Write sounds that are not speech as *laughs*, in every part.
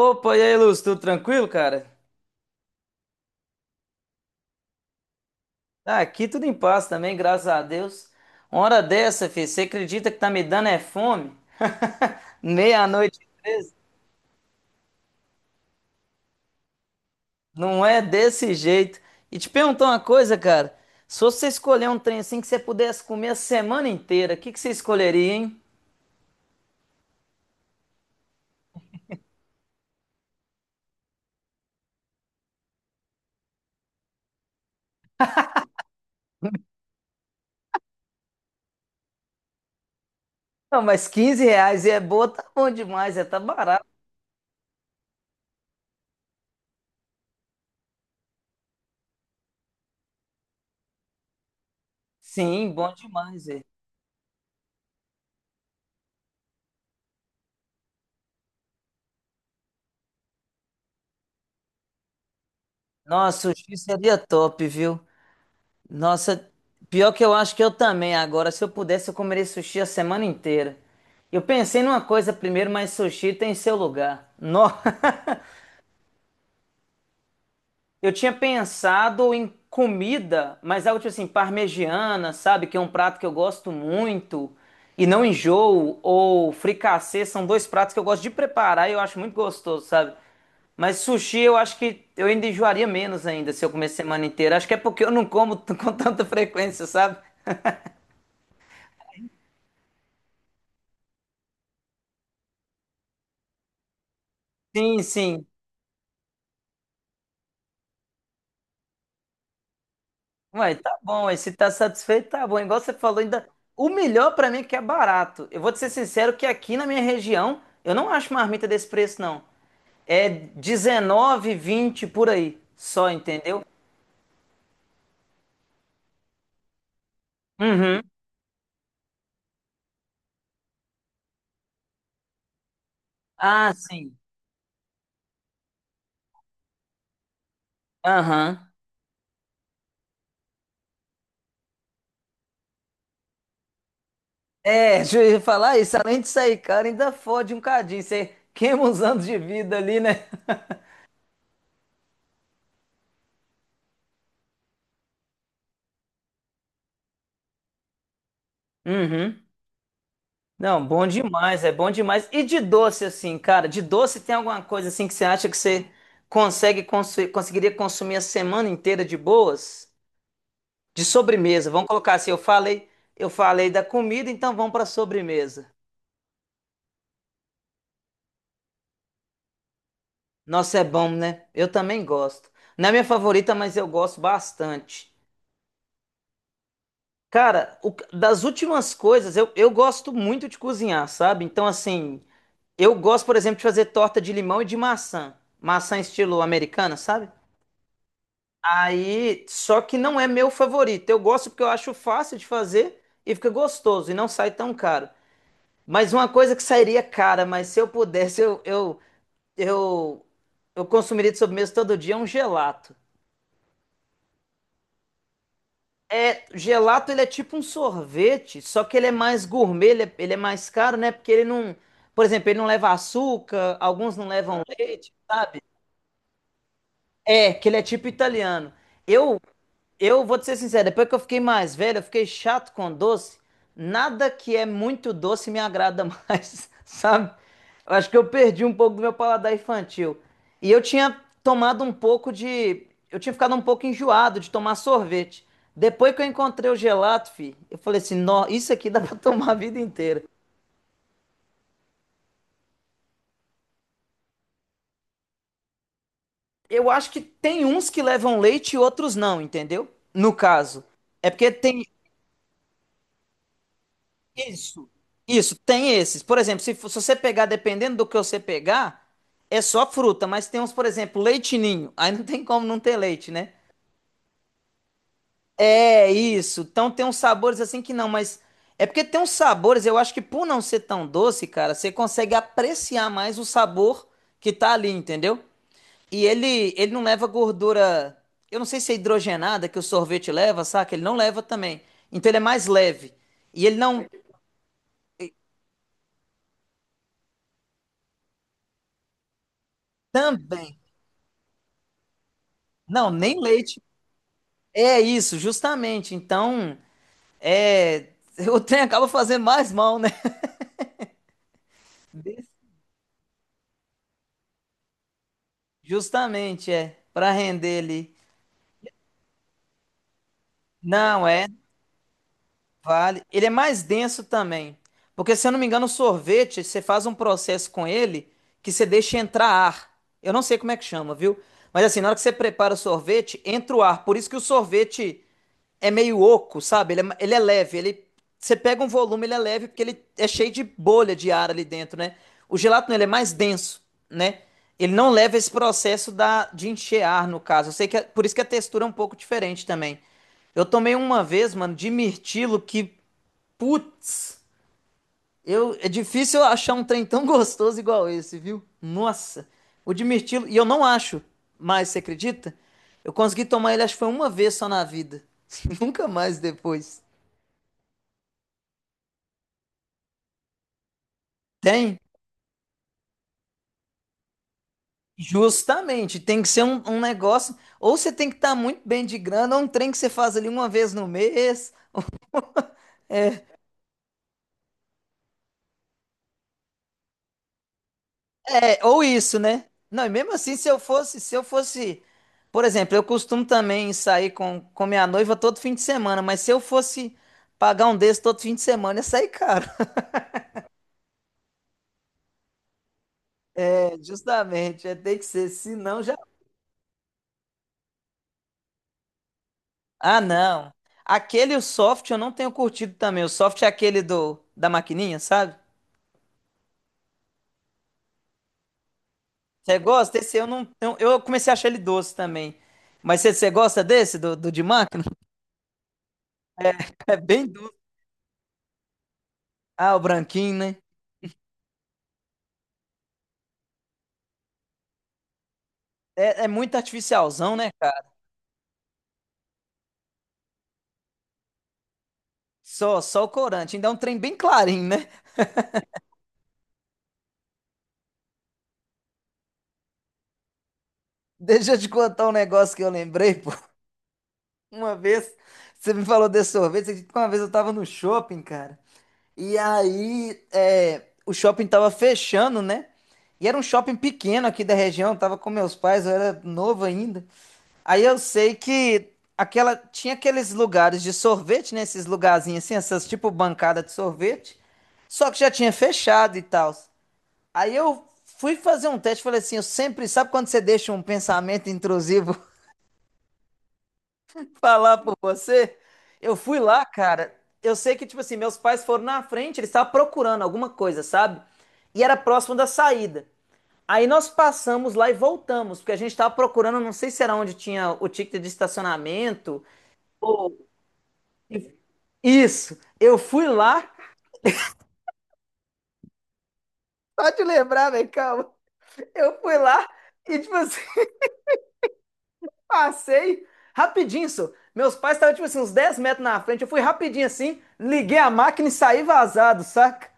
Opa, e aí, Lúcio, tudo tranquilo, cara? Ah, aqui tudo em paz também, graças a Deus. Uma hora dessa, filho, você acredita que tá me dando é fome? *laughs* Meia-noite, e 13? Não é desse jeito. E te perguntar uma coisa, cara. Se você escolher um trem assim que você pudesse comer a semana inteira, o que que você escolheria, hein? Não, mas 15 reais e é boa, tá bom demais, é, tá barato. Sim, bom demais, é. Nossa, o sushi seria top, viu? Nossa, pior que eu acho que eu também agora. Se eu pudesse, eu comeria sushi a semana inteira. Eu pensei numa coisa primeiro, mas sushi tem seu lugar. No... *laughs* Eu tinha pensado em comida, mas algo tipo assim, parmegiana, sabe? Que é um prato que eu gosto muito e não enjoo. Ou fricassê, são dois pratos que eu gosto de preparar e eu acho muito gostoso, sabe? Mas sushi eu acho que eu ainda enjoaria menos ainda se eu comer semana inteira. Acho que é porque eu não como *laughs* com tanta frequência, sabe? Sim, sim. Ué, tá bom, aí se tá satisfeito, tá bom. Igual você falou, ainda. O melhor pra mim é que é barato. Eu vou te ser sincero que aqui na minha região, eu não acho marmita desse preço, não. É 19, 20 por aí, só, entendeu? Uhum. Ah, sim. Aham. É, *laughs* deixa eu falar isso. Além de sair, cara, ainda fode um cadinho. Você queima uns anos de vida ali, né? Uhum. Não, bom demais, é bom demais. E de doce, assim, cara, de doce tem alguma coisa assim que você acha que você consegue conseguiria consumir a semana inteira de boas? De sobremesa, vamos colocar assim, eu falei da comida, então vamos para sobremesa. Nossa, é bom, né? Eu também gosto. Não é minha favorita, mas eu gosto bastante. Cara, das últimas coisas, eu gosto muito de cozinhar, sabe? Então, assim, eu gosto, por exemplo, de fazer torta de limão e de maçã. Maçã estilo americana, sabe? Aí, só que não é meu favorito. Eu gosto porque eu acho fácil de fazer e fica gostoso e não sai tão caro. Mas uma coisa que sairia cara, mas se eu pudesse, eu, eu consumiria de sobremesa todo dia, é um gelato. É, gelato ele é tipo um sorvete, só que ele é mais gourmet, ele é mais caro, né? Porque ele não, por exemplo, ele não leva açúcar, alguns não levam leite, sabe? É, que ele é tipo italiano. Eu Eu vou te ser sincero, depois que eu fiquei mais velho, eu fiquei chato com doce. Nada que é muito doce me agrada mais, *laughs* sabe? Eu acho que eu perdi um pouco do meu paladar infantil. E eu tinha tomado um pouco de. Eu tinha ficado um pouco enjoado de tomar sorvete. Depois que eu encontrei o gelato, eu falei assim: Nó, isso aqui dá pra *laughs* tomar a vida inteira. Eu acho que tem uns que levam leite e outros não, entendeu? No caso. É porque tem, Isso, isso, tem esses. Por exemplo, se você pegar, dependendo do que você pegar, é só fruta, mas tem uns, por exemplo, leite ninho. Aí não tem como não ter leite, né? É isso. Então tem uns sabores assim que não, mas é porque tem uns sabores, eu acho que por não ser tão doce, cara, você consegue apreciar mais o sabor que tá ali, entendeu? E ele não leva gordura. Eu não sei se é hidrogenada que o sorvete leva, saca? Ele não leva também. Então ele é mais leve. E ele não. Também. Não, nem leite. É isso, justamente. Então, é, *laughs* o trem acaba fazendo mais mal, né? *laughs* Justamente, é, para render ali. Não, é. Vale. Ele é mais denso também. Porque, se eu não me engano, o sorvete, você faz um processo com ele que você deixa entrar ar. Eu não sei como é que chama, viu? Mas assim, na hora que você prepara o sorvete, entra o ar. Por isso que o sorvete é meio oco, sabe? Ele é leve. Ele, você pega um volume, ele é leve, porque ele é cheio de bolha de ar ali dentro, né? O gelato, não, ele é mais denso, né? Ele não leva esse processo de encher ar, no caso. Eu sei que é, por isso que a textura é um pouco diferente também. Eu tomei uma vez, mano, de mirtilo que, putz, eu, é difícil eu achar um trem tão *laughs* gostoso igual esse, viu? Nossa, o de mirtilo, e eu não acho mais, você acredita? Eu consegui tomar ele, acho que foi uma vez só na vida. *laughs* Nunca mais depois. Tem? Justamente, tem que ser um negócio, ou você tem que estar muito bem de grana, ou um trem que você faz ali uma vez no mês. É, ou isso, né? Não, e mesmo assim, se eu fosse, por exemplo, eu costumo também sair com minha noiva todo fim de semana, mas se eu fosse pagar um desses todo fim de semana, ia sair caro. *laughs* É, justamente, é, tem que ser, senão já. Ah, não. Aquele o soft eu não tenho curtido também. O soft é aquele do da maquininha, sabe? Você gosta? Esse eu não. Eu comecei a achar ele doce também. Mas você gosta desse, do de máquina? *laughs* É bem doce. Ah, o branquinho, né? É muito artificialzão, né? Só o corante. Ainda é um trem bem clarinho, né? *laughs* Deixa eu te contar um negócio que eu lembrei, pô. *laughs* Uma vez, você me falou desse sorvete, você acredita que uma vez eu tava no shopping, cara. E aí, o shopping tava fechando, né? E era um shopping pequeno aqui da região, eu tava com meus pais, eu era novo ainda. Aí eu sei que aquela tinha aqueles lugares de sorvete, né? Esses lugarzinhos assim, essas tipo bancada de sorvete. Só que já tinha fechado e tal. Aí eu fui fazer um teste, falei assim, eu sempre, sabe quando você deixa um pensamento intrusivo *laughs* falar por você? Eu fui lá, cara. Eu sei que, tipo assim, meus pais foram na frente, eles estavam procurando alguma coisa, sabe? E era próximo da saída. Aí nós passamos lá e voltamos, porque a gente estava procurando, não sei se era onde tinha o ticket de estacionamento. ou- Isso. Eu fui lá, só te lembrar, velho, calma. Eu fui lá e, tipo assim, passei rapidinho, só. Meus pais estavam, tipo assim, uns 10 metros na frente. Eu fui rapidinho assim, liguei a máquina e saí vazado, saca?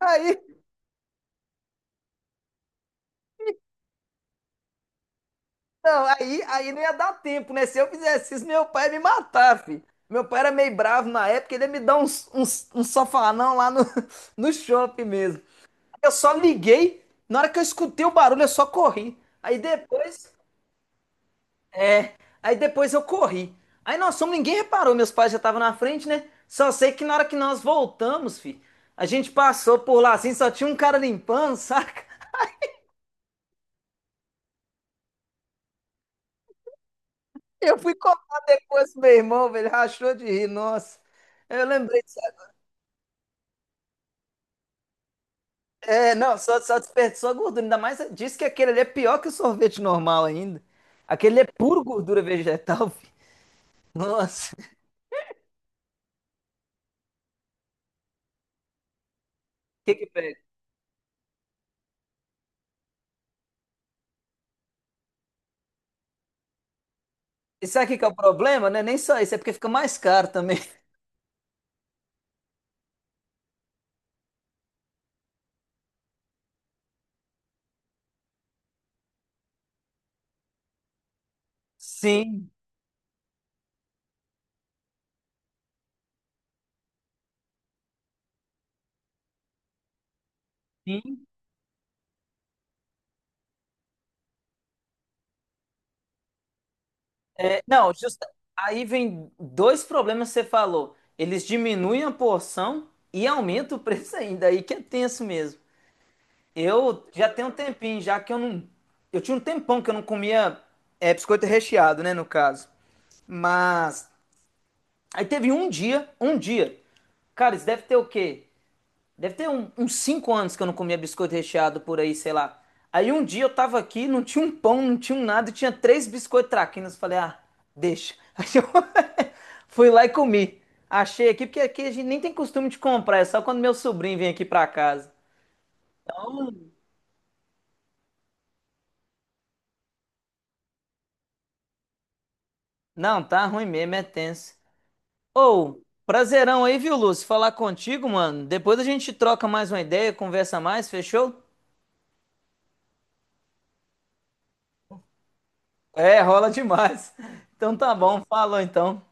Aí, não, aí não ia dar tempo, né? Se eu fizesse isso, meu pai ia me matar, filho. Meu pai era meio bravo na época, ele ia me dar um sofanão lá no, *laughs* no shopping mesmo. Eu só liguei, na hora que eu escutei o barulho, eu só corri. Aí depois, Aí depois eu corri. Aí nós fomos, ninguém reparou, meus pais já estavam na frente, né? Só sei que na hora que nós voltamos, a gente passou por lá assim, só tinha um cara limpando, *laughs* saca? Eu fui cobrar depois pro meu irmão, velho, rachou de rir, nossa. Eu lembrei disso. É, não, só desperdiçou a gordura. Ainda mais disse que aquele ali é pior que o sorvete normal ainda. Aquele é puro gordura vegetal, *laughs* filho. Nossa, o que que pega? E sabe o que que é o problema, né? Nem só isso, é porque fica mais caro também. *laughs* Sim, sim. É, não, aí vem dois problemas que você falou. Eles diminuem a porção e aumentam o preço ainda. Aí que é tenso mesmo. Eu já tenho um tempinho, já que eu não. Eu tinha um tempão que eu não comia biscoito recheado, né, no caso. Mas. Aí teve um dia, um dia. Cara, isso deve ter o quê? Deve ter uns 5 anos que eu não comia biscoito recheado por aí, sei lá. Aí um dia eu tava aqui, não tinha um pão, não tinha um nada, e tinha três biscoitos traquinas. Falei, ah, deixa. *laughs* Aí eu fui lá e comi. Achei aqui, porque aqui a gente nem tem costume de comprar, é só quando meu sobrinho vem aqui pra casa. Então, não, tá ruim mesmo, é tenso. Ô, prazerão aí, viu, Lúcio? Falar contigo, mano. Depois a gente troca mais uma ideia, conversa mais, fechou? É, rola demais. *laughs* Então tá bom, falou então.